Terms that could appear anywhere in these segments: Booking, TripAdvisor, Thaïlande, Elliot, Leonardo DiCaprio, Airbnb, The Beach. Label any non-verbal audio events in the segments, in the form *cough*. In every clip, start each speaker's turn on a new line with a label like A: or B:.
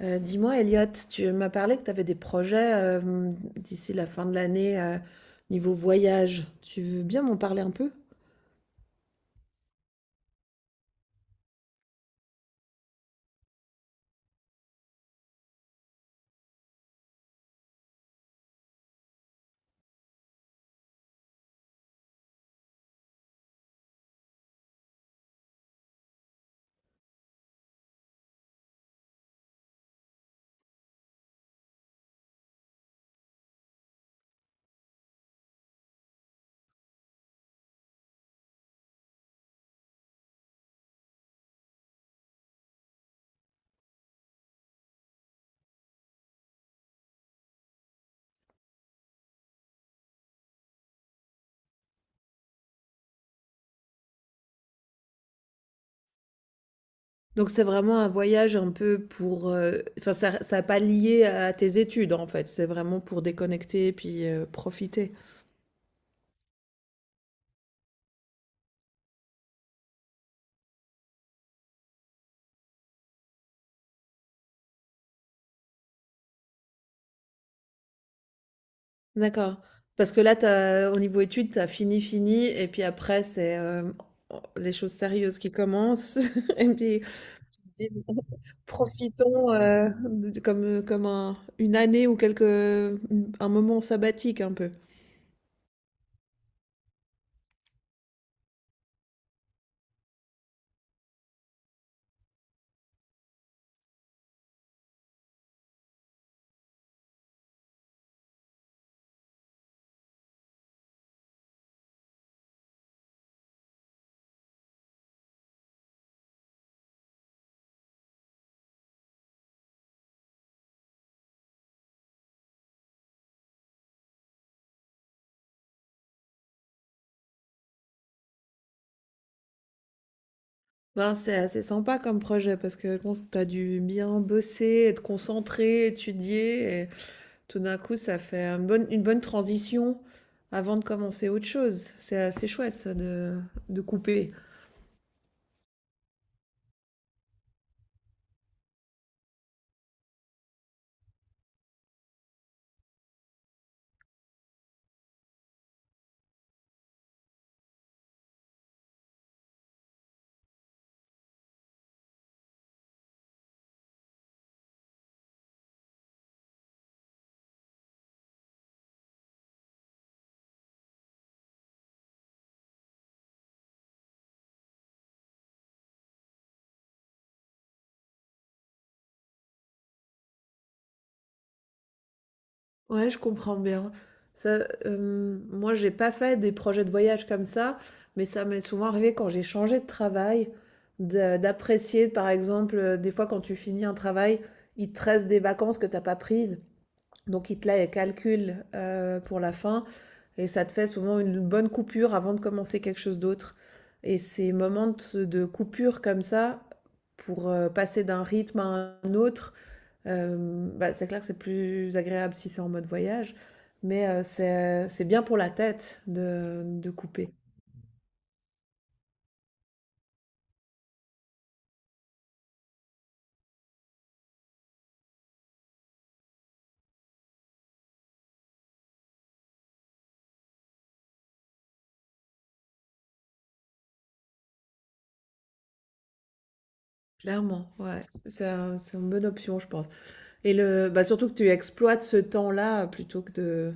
A: Dis-moi Elliot, tu m'as parlé que tu avais des projets, d'ici la fin de l'année, niveau voyage. Tu veux bien m'en parler un peu? Donc c'est vraiment un voyage un peu pour, enfin ça pas lié à tes études en fait, c'est vraiment pour déconnecter et puis, profiter? D'accord. Parce que là t'as au niveau études, tu as fini et puis après c'est, les choses sérieuses qui commencent *laughs* et puis Dis- *laughs* Profitons comme, comme une année ou quelques, un moment sabbatique un peu. Ben, c'est assez sympa comme projet parce que je pense que tu as dû bien bosser, être concentré, étudier. Et tout d'un coup, ça fait une bonne transition avant de commencer autre chose. C'est assez chouette ça de couper. Ouais, je comprends bien. Ça, moi, j'ai pas fait des projets de voyage comme ça, mais ça m'est souvent arrivé quand j'ai changé de travail, d'apprécier, par exemple, des fois quand tu finis un travail, il te reste des vacances que t'as pas prises, donc il te la calcule pour la fin, et ça te fait souvent une bonne coupure avant de commencer quelque chose d'autre. Et ces moments de coupure comme ça, pour passer d'un rythme à un autre. Bah, c'est clair que c'est plus agréable si c'est en mode voyage, mais c'est bien pour la tête de couper. Clairement, ouais. C'est une bonne option, je pense et le bah, surtout que tu exploites ce temps-là plutôt que de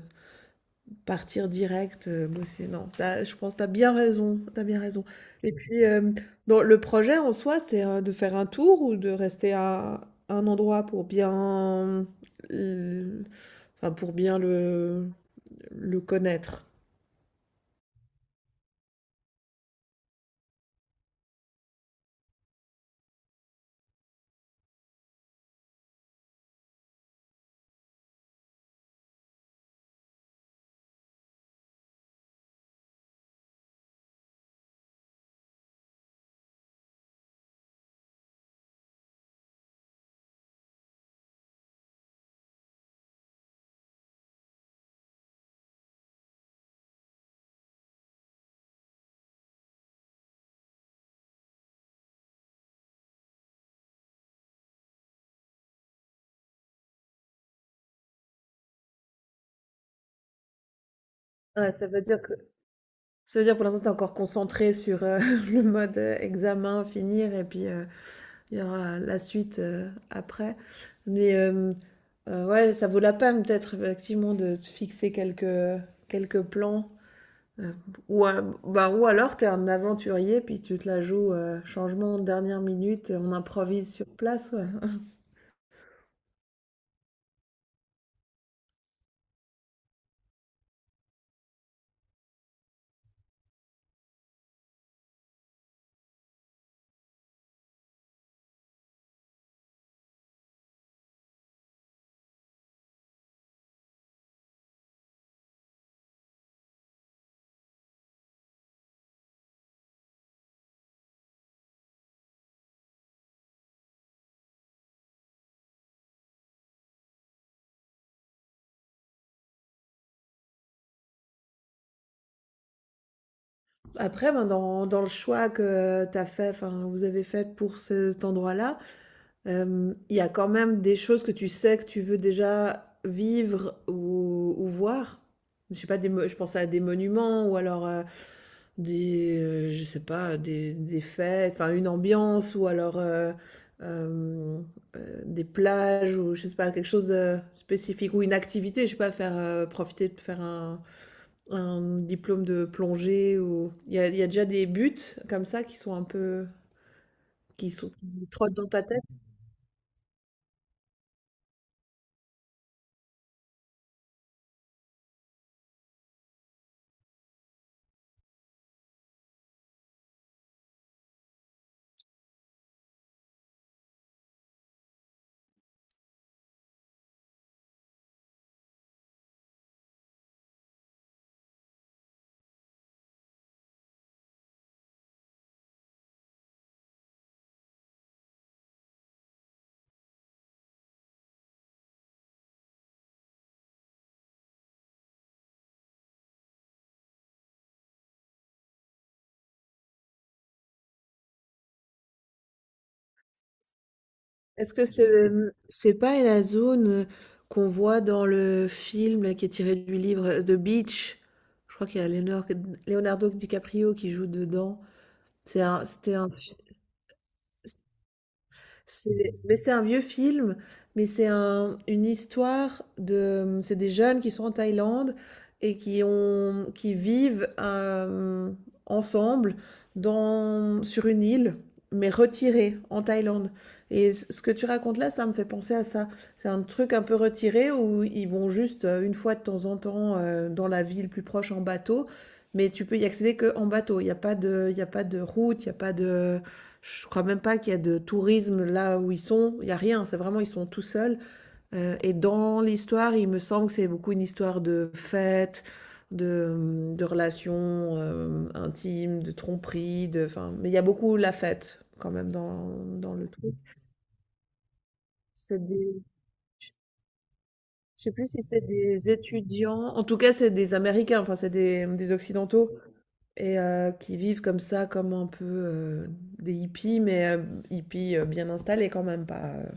A: partir direct, bosser. Non, ça, je pense que tu as bien raison, t'as bien raison et puis, dans le projet en soi, c'est, de faire un tour ou de rester à un endroit pour bien, l enfin, pour bien le connaître? Ouais, ça veut dire que ça veut dire pour l'instant tu es encore concentré sur, *laughs* le mode, examen, finir et puis, il y aura la suite, après. Mais, ouais, ça vaut la peine peut-être effectivement de se fixer quelques, quelques plans, heu, ou alors tu es un aventurier puis tu te la joues, changement dernière minute, on improvise sur place, ouais. *laughs* Après, ben, dans le choix que tu as fait, enfin, vous avez fait pour cet endroit-là. Il y a quand même des choses que tu sais que tu veux déjà vivre ou voir? Je sais pas, des mo je pense à des monuments ou alors, des, je sais pas, des fêtes, enfin une ambiance ou alors, hem, des plages ou je sais pas, quelque chose, spécifique ou une activité, je sais pas, faire, profiter de faire un diplôme de plongée ou il y a déjà des buts comme ça qui sont un peu qui sont qui trottent dans ta tête? Est-ce que c'est pas la zone qu'on voit dans le film là, qui est tiré du livre The Beach? Je crois qu'il y a Leonardo DiCaprio qui joue dedans. C'est un- C'était un, mais c'est un vieux film, mais c'est un, une histoire de, c'est des jeunes qui sont en Thaïlande et qui ont, qui vivent ensemble dans, sur une île, mais retirée en Thaïlande. Et ce que tu racontes là, ça me fait penser à ça. C'est un truc un peu retiré où ils vont juste une fois de temps en temps dans la ville plus proche en bateau, mais tu peux y accéder que en bateau. Il n'y a pas de, il y a pas de route, il n'y a pas de je crois même pas qu'il y a de tourisme là où ils sont, il y a rien, c'est vraiment ils sont tout seuls, et dans l'histoire, il me semble que c'est beaucoup une histoire de fête, de, mmh, de relations, intimes, de tromperies, de enfin mais il y a beaucoup la fête quand même dans dans le truc. C'est des je sais plus si c'est des étudiants, en tout cas c'est des Américains, enfin c'est des, mmh, des occidentaux et qui vivent comme ça, comme un peu, des hippies mais hippies, bien installés quand même, pas,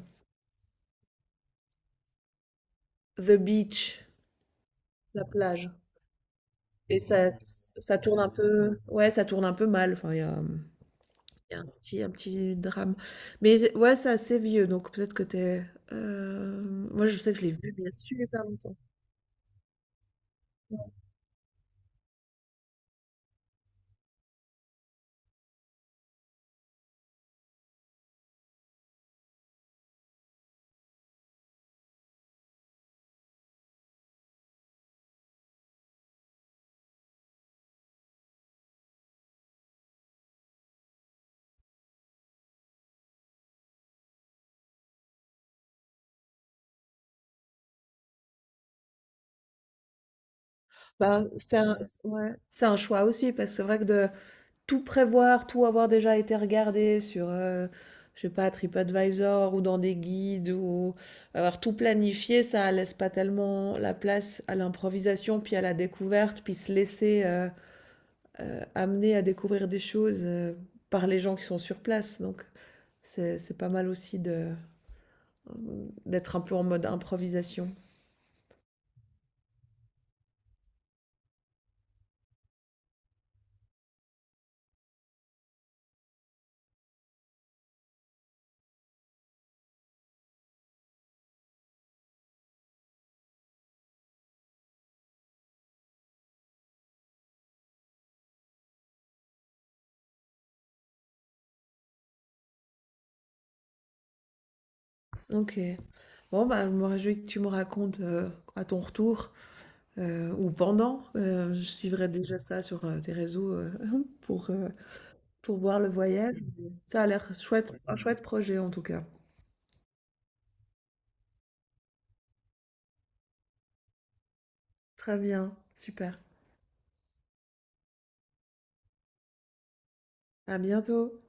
A: The Beach, la plage. Et ça ça tourne un peu ouais, ça tourne un peu mal, enfin il y a un petit drame. Mais c'est ouais, c'est assez vieux, donc peut-être que es, moi je sais que je l'ai vu, mais il y a super longtemps. Ben, c'est un c ouais, c'est un choix aussi parce que c'est vrai que de tout prévoir, tout avoir déjà été regardé sur, je sais pas TripAdvisor ou dans des guides ou avoir tout planifié, ça laisse pas tellement la place à l'improvisation, puis à la découverte, puis se laisser, amener à découvrir des choses par les gens qui sont sur place. Donc c'est pas mal aussi de d'être un peu en mode improvisation. Ok. Bon, bah, je me réjouis que tu me racontes à ton retour ou pendant. Je suivrai déjà ça sur tes réseaux *laughs* pour, euh, pour voir le voyage. Ça a l'air chouette, un chouette projet en tout cas. Très bien, super. À bientôt.